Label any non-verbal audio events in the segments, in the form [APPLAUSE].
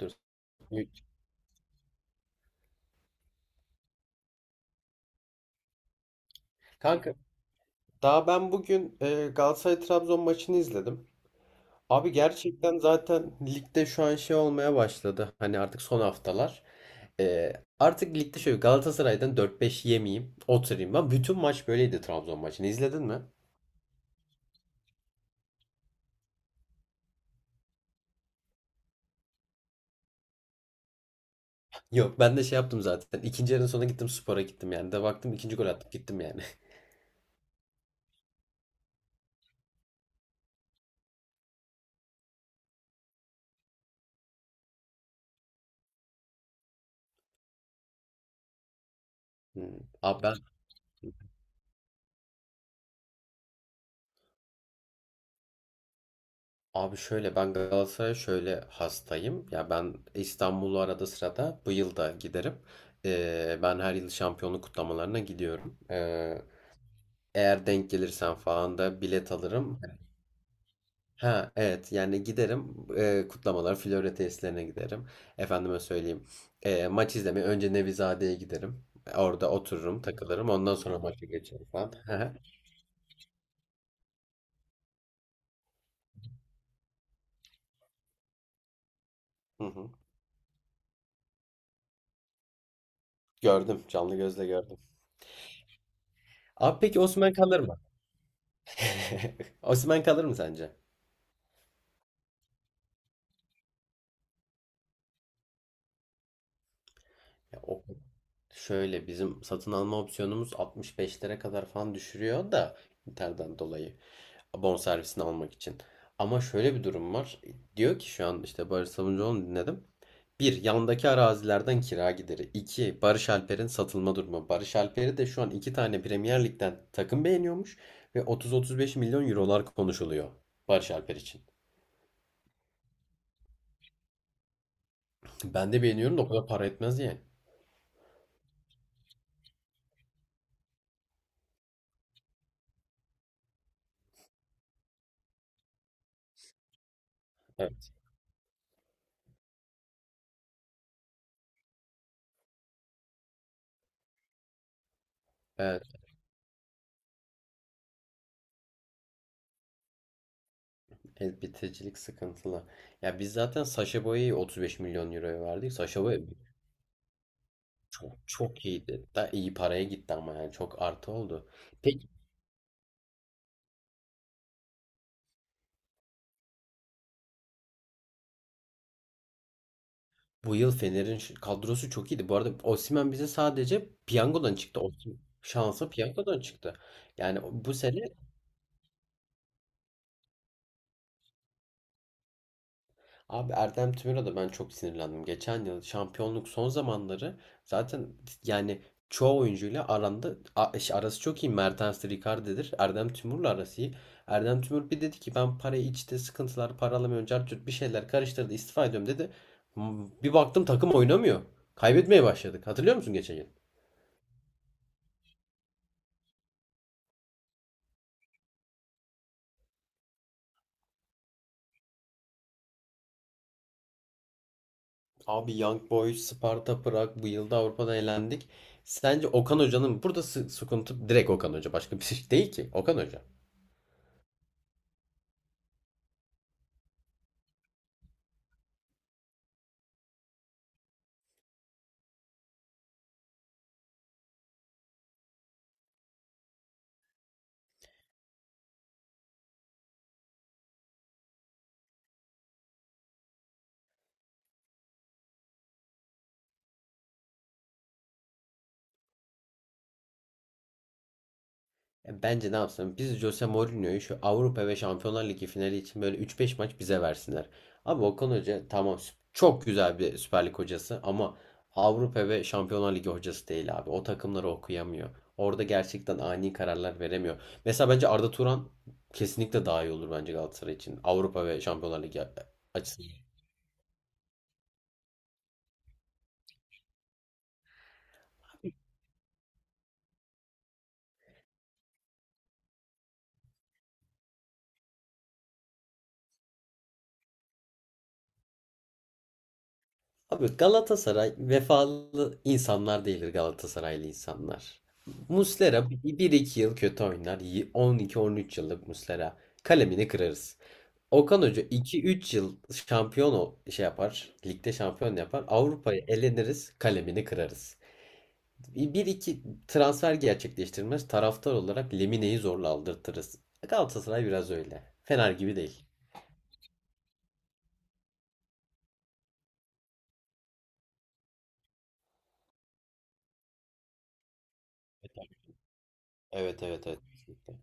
Dur. Kanka, daha ben bugün Galatasaray Trabzon maçını izledim. Abi, gerçekten zaten ligde şu an şey olmaya başladı. Hani artık son haftalar. E, artık ligde şöyle Galatasaray'dan 4-5 yemeyeyim, oturayım. Ben bütün maç böyleydi Trabzon maçını. İzledin mi? Yok, ben de şey yaptım zaten. İkinci yarının sonuna gittim, spora gittim yani. De baktım ikinci gol attım, gittim yani. [LAUGHS] Hmm. Abi ben Abi, şöyle ben Galatasaray'a şöyle hastayım. Ya ben İstanbul'u arada sırada bu yıl da giderim. Ben her yıl şampiyonluk kutlamalarına gidiyorum. Eğer denk gelirsen falan da bilet alırım. Ha, evet, yani giderim. Kutlamalar Florya tesislerine giderim. Efendime söyleyeyim, maç izlemeye önce Nevizade'ye giderim. Orada otururum, takılırım, ondan sonra maça geçerim falan. [LAUGHS] Hı hı. Gördüm, canlı gözle gördüm. Abi, peki Osimhen kalır mı? [LAUGHS] Osimhen kalır mı sence? Ya o şöyle, bizim satın alma opsiyonumuz 65 lira kadar falan düşürüyor da Inter'den dolayı abon servisini almak için. Ama şöyle bir durum var. Diyor ki şu an işte Barış Sabuncuoğlu'nu dinledim. Bir, yandaki arazilerden kira gideri. İki, Barış Alper'in satılma durumu. Barış Alper'i de şu an iki tane Premier Lig'den takım beğeniyormuş ve 30-35 milyon eurolar konuşuluyor Barış Alper için. Ben de beğeniyorum da o kadar para etmez yani. Evet. Evet, bitiricilik sıkıntılı. Ya biz zaten Sacha Boey'i 35 milyon euroya verdik. Sacha Boey çok çok iyiydi. Da iyi paraya gitti ama yani çok artı oldu. Peki, bu yıl Fener'in kadrosu çok iyiydi. Bu arada Osimhen bize sadece piyangodan çıktı. Osim şansa piyangodan çıktı. Yani, bu sene Abi Erdem Tümer'e de ben çok sinirlendim. Geçen yıl şampiyonluk son zamanları zaten yani çoğu oyuncuyla aranda şey, arası çok iyi. Mertens Ricarde'dir. Erdem Tümur'la arası iyi. Erdem Tümur bir dedi ki ben parayı içte sıkıntılar, para alamıyorum, cart curt bir şeyler karıştırdı, istifa ediyorum dedi. Bir baktım takım oynamıyor. Kaybetmeye başladık. Hatırlıyor musun geçen yıl? Abi Young Boys, Sparta Prag bu yılda Avrupa'da elendik. Sence Okan Hoca'nın burada sıkıntı direkt Okan Hoca, başka bir şey değil ki. Okan Hoca. Ya bence ne yapsın? Biz Jose Mourinho'yu şu Avrupa ve Şampiyonlar Ligi finali için böyle 3-5 maç bize versinler. Abi Okan Hoca tamam, çok güzel bir Süper Lig hocası ama Avrupa ve Şampiyonlar Ligi hocası değil abi. O takımları okuyamıyor. Orada gerçekten ani kararlar veremiyor. Mesela bence Arda Turan kesinlikle daha iyi olur bence Galatasaray için. Avrupa ve Şampiyonlar Ligi açısından. Abi Galatasaray vefalı insanlar değildir, Galatasaraylı insanlar. Muslera bir iki yıl kötü oynar. 12-13 yıllık Muslera. Kalemini kırarız. Okan Hoca iki üç yıl şampiyon o şey yapar. Ligde şampiyon yapar. Avrupa'ya eleniriz. Kalemini kırarız. Bir iki transfer gerçekleştirmez. Taraftar olarak Lemine'yi zorla aldırtırız. Galatasaray biraz öyle. Fener gibi değil. Evet, evet, evet. Kesinlikle.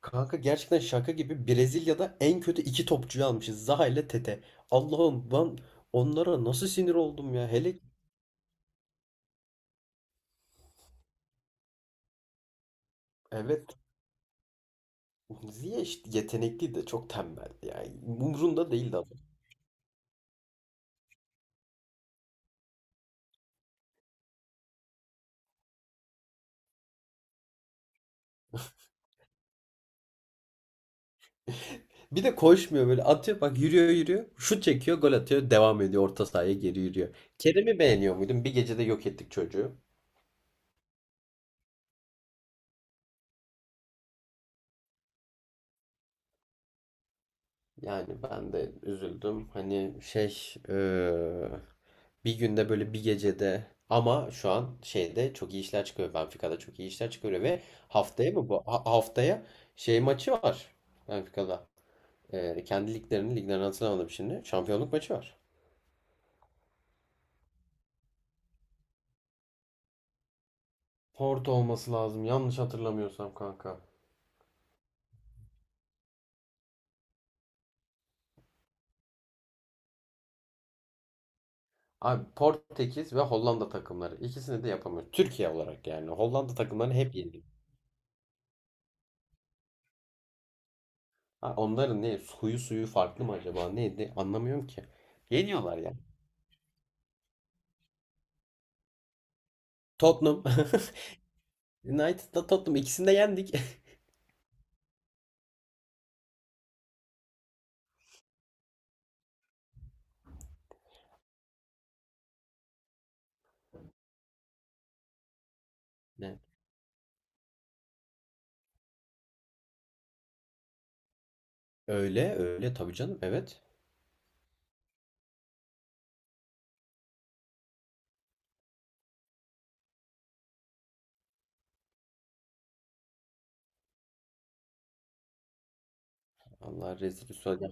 Kanka, gerçekten şaka gibi, Brezilya'da en kötü iki topçuyu almışız. Zaha ile Tete. Allah'ım, ben onlara nasıl sinir oldum ya. Hele evet, Ziyech yetenekli de çok tembeldi yani. Umrunda değildi adam. Bir de koşmuyor, böyle atıyor bak, yürüyor yürüyor. Şut çekiyor, gol atıyor, devam ediyor, orta sahaya geri yürüyor. Kerem'i beğeniyor muydun? Bir gecede yok ettik çocuğu. Yani ben de üzüldüm. Hani, şey, bir günde, böyle bir gecede, ama şu an şeyde çok iyi işler çıkıyor. Benfica'da çok iyi işler çıkıyor ve haftaya mı bu? Haftaya şey maçı var Benfica'da. Kendi liglerinin liglerini hatırlamadım şimdi. Şampiyonluk maçı var. Porto olması lazım. Yanlış hatırlamıyorsam kanka. Abi Portekiz ve Hollanda takımları. İkisini de yapamıyor. Türkiye olarak yani. Hollanda takımlarını hep yendik. Ha, onların ne? Suyu suyu farklı mı acaba? Neydi? Anlamıyorum ki. Yeniyorlar ya. Tottenham. [LAUGHS] United'da Tottenham. İkisini de yendik. [LAUGHS] Ne? Öyle öyle tabii canım. Evet. Allah rezil rüsva.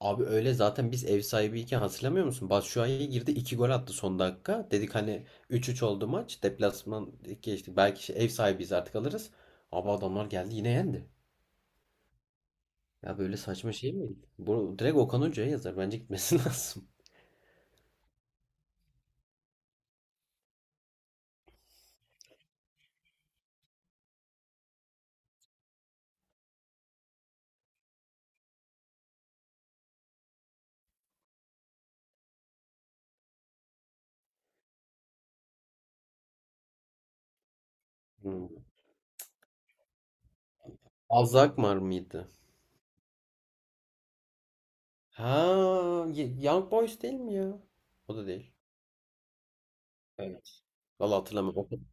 Abi öyle zaten, biz ev sahibiyken hatırlamıyor musun? Batshuayi girdi, 2 gol attı son dakika. Dedik hani 3-3 oldu maç. Deplasman geçtik. Belki ev sahibiyiz, artık alırız. Abi adamlar geldi yine yendi. Ya böyle saçma şey mi? Bu direkt Okan Hoca'ya yazar. Bence gitmesi [LAUGHS] lazım. Hmm. Azakmar mıydı? Ha, Young Boys değil mi ya? O da değil. Evet. Vallahi hatırlamıyorum.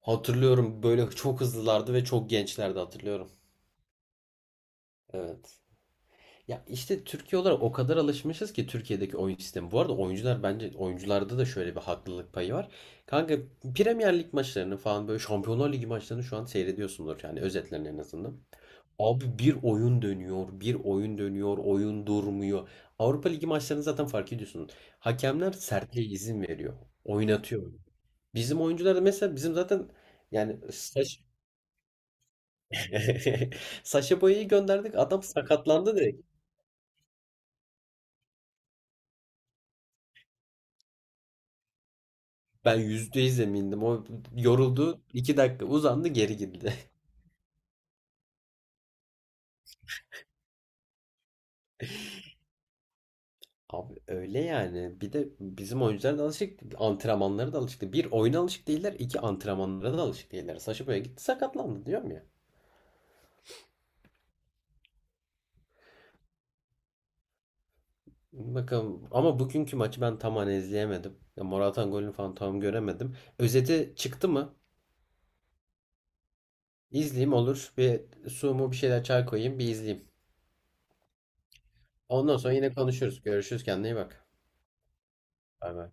Hatırlıyorum, böyle çok hızlılardı ve çok gençlerdi, hatırlıyorum. Evet. Ya işte Türkiye olarak o kadar alışmışız ki Türkiye'deki oyun sistemi. Bu arada oyuncular bence, oyuncularda da şöyle bir haklılık payı var. Kanka, Premier Lig maçlarını falan, böyle Şampiyonlar Ligi maçlarını şu an seyrediyorsundur yani, özetlerini en azından. Abi bir oyun dönüyor, bir oyun dönüyor, oyun durmuyor. Avrupa Ligi maçlarını zaten fark ediyorsunuz. Hakemler sertliğe izin veriyor, oynatıyor. Bizim oyuncular da mesela, bizim zaten yani saç... [LAUGHS] Saşa Boya'yı gönderdik, adam sakatlandı. Ben %100 emindim. O yoruldu. 2 dakika uzandı, geri gitti. [LAUGHS] Abi öyle yani. Bir de bizim oyuncular da alışık değil. Antrenmanlara da alışık değil. Bir oyuna alışık değiller. İki antrenmanlara da alışık değiller. Saşa böyle gitti sakatlandı diyorum ya. Bakalım. Ama bugünkü maçı ben tam hani izleyemedim. Ya Morata'nın golünü falan tam göremedim. Özeti çıktı mı? İzleyeyim, olur. Bir su mu, bir şeyler, çay koyayım, bir izleyeyim. Ondan sonra yine konuşuruz. Görüşürüz. Kendine iyi bak. Bay bay.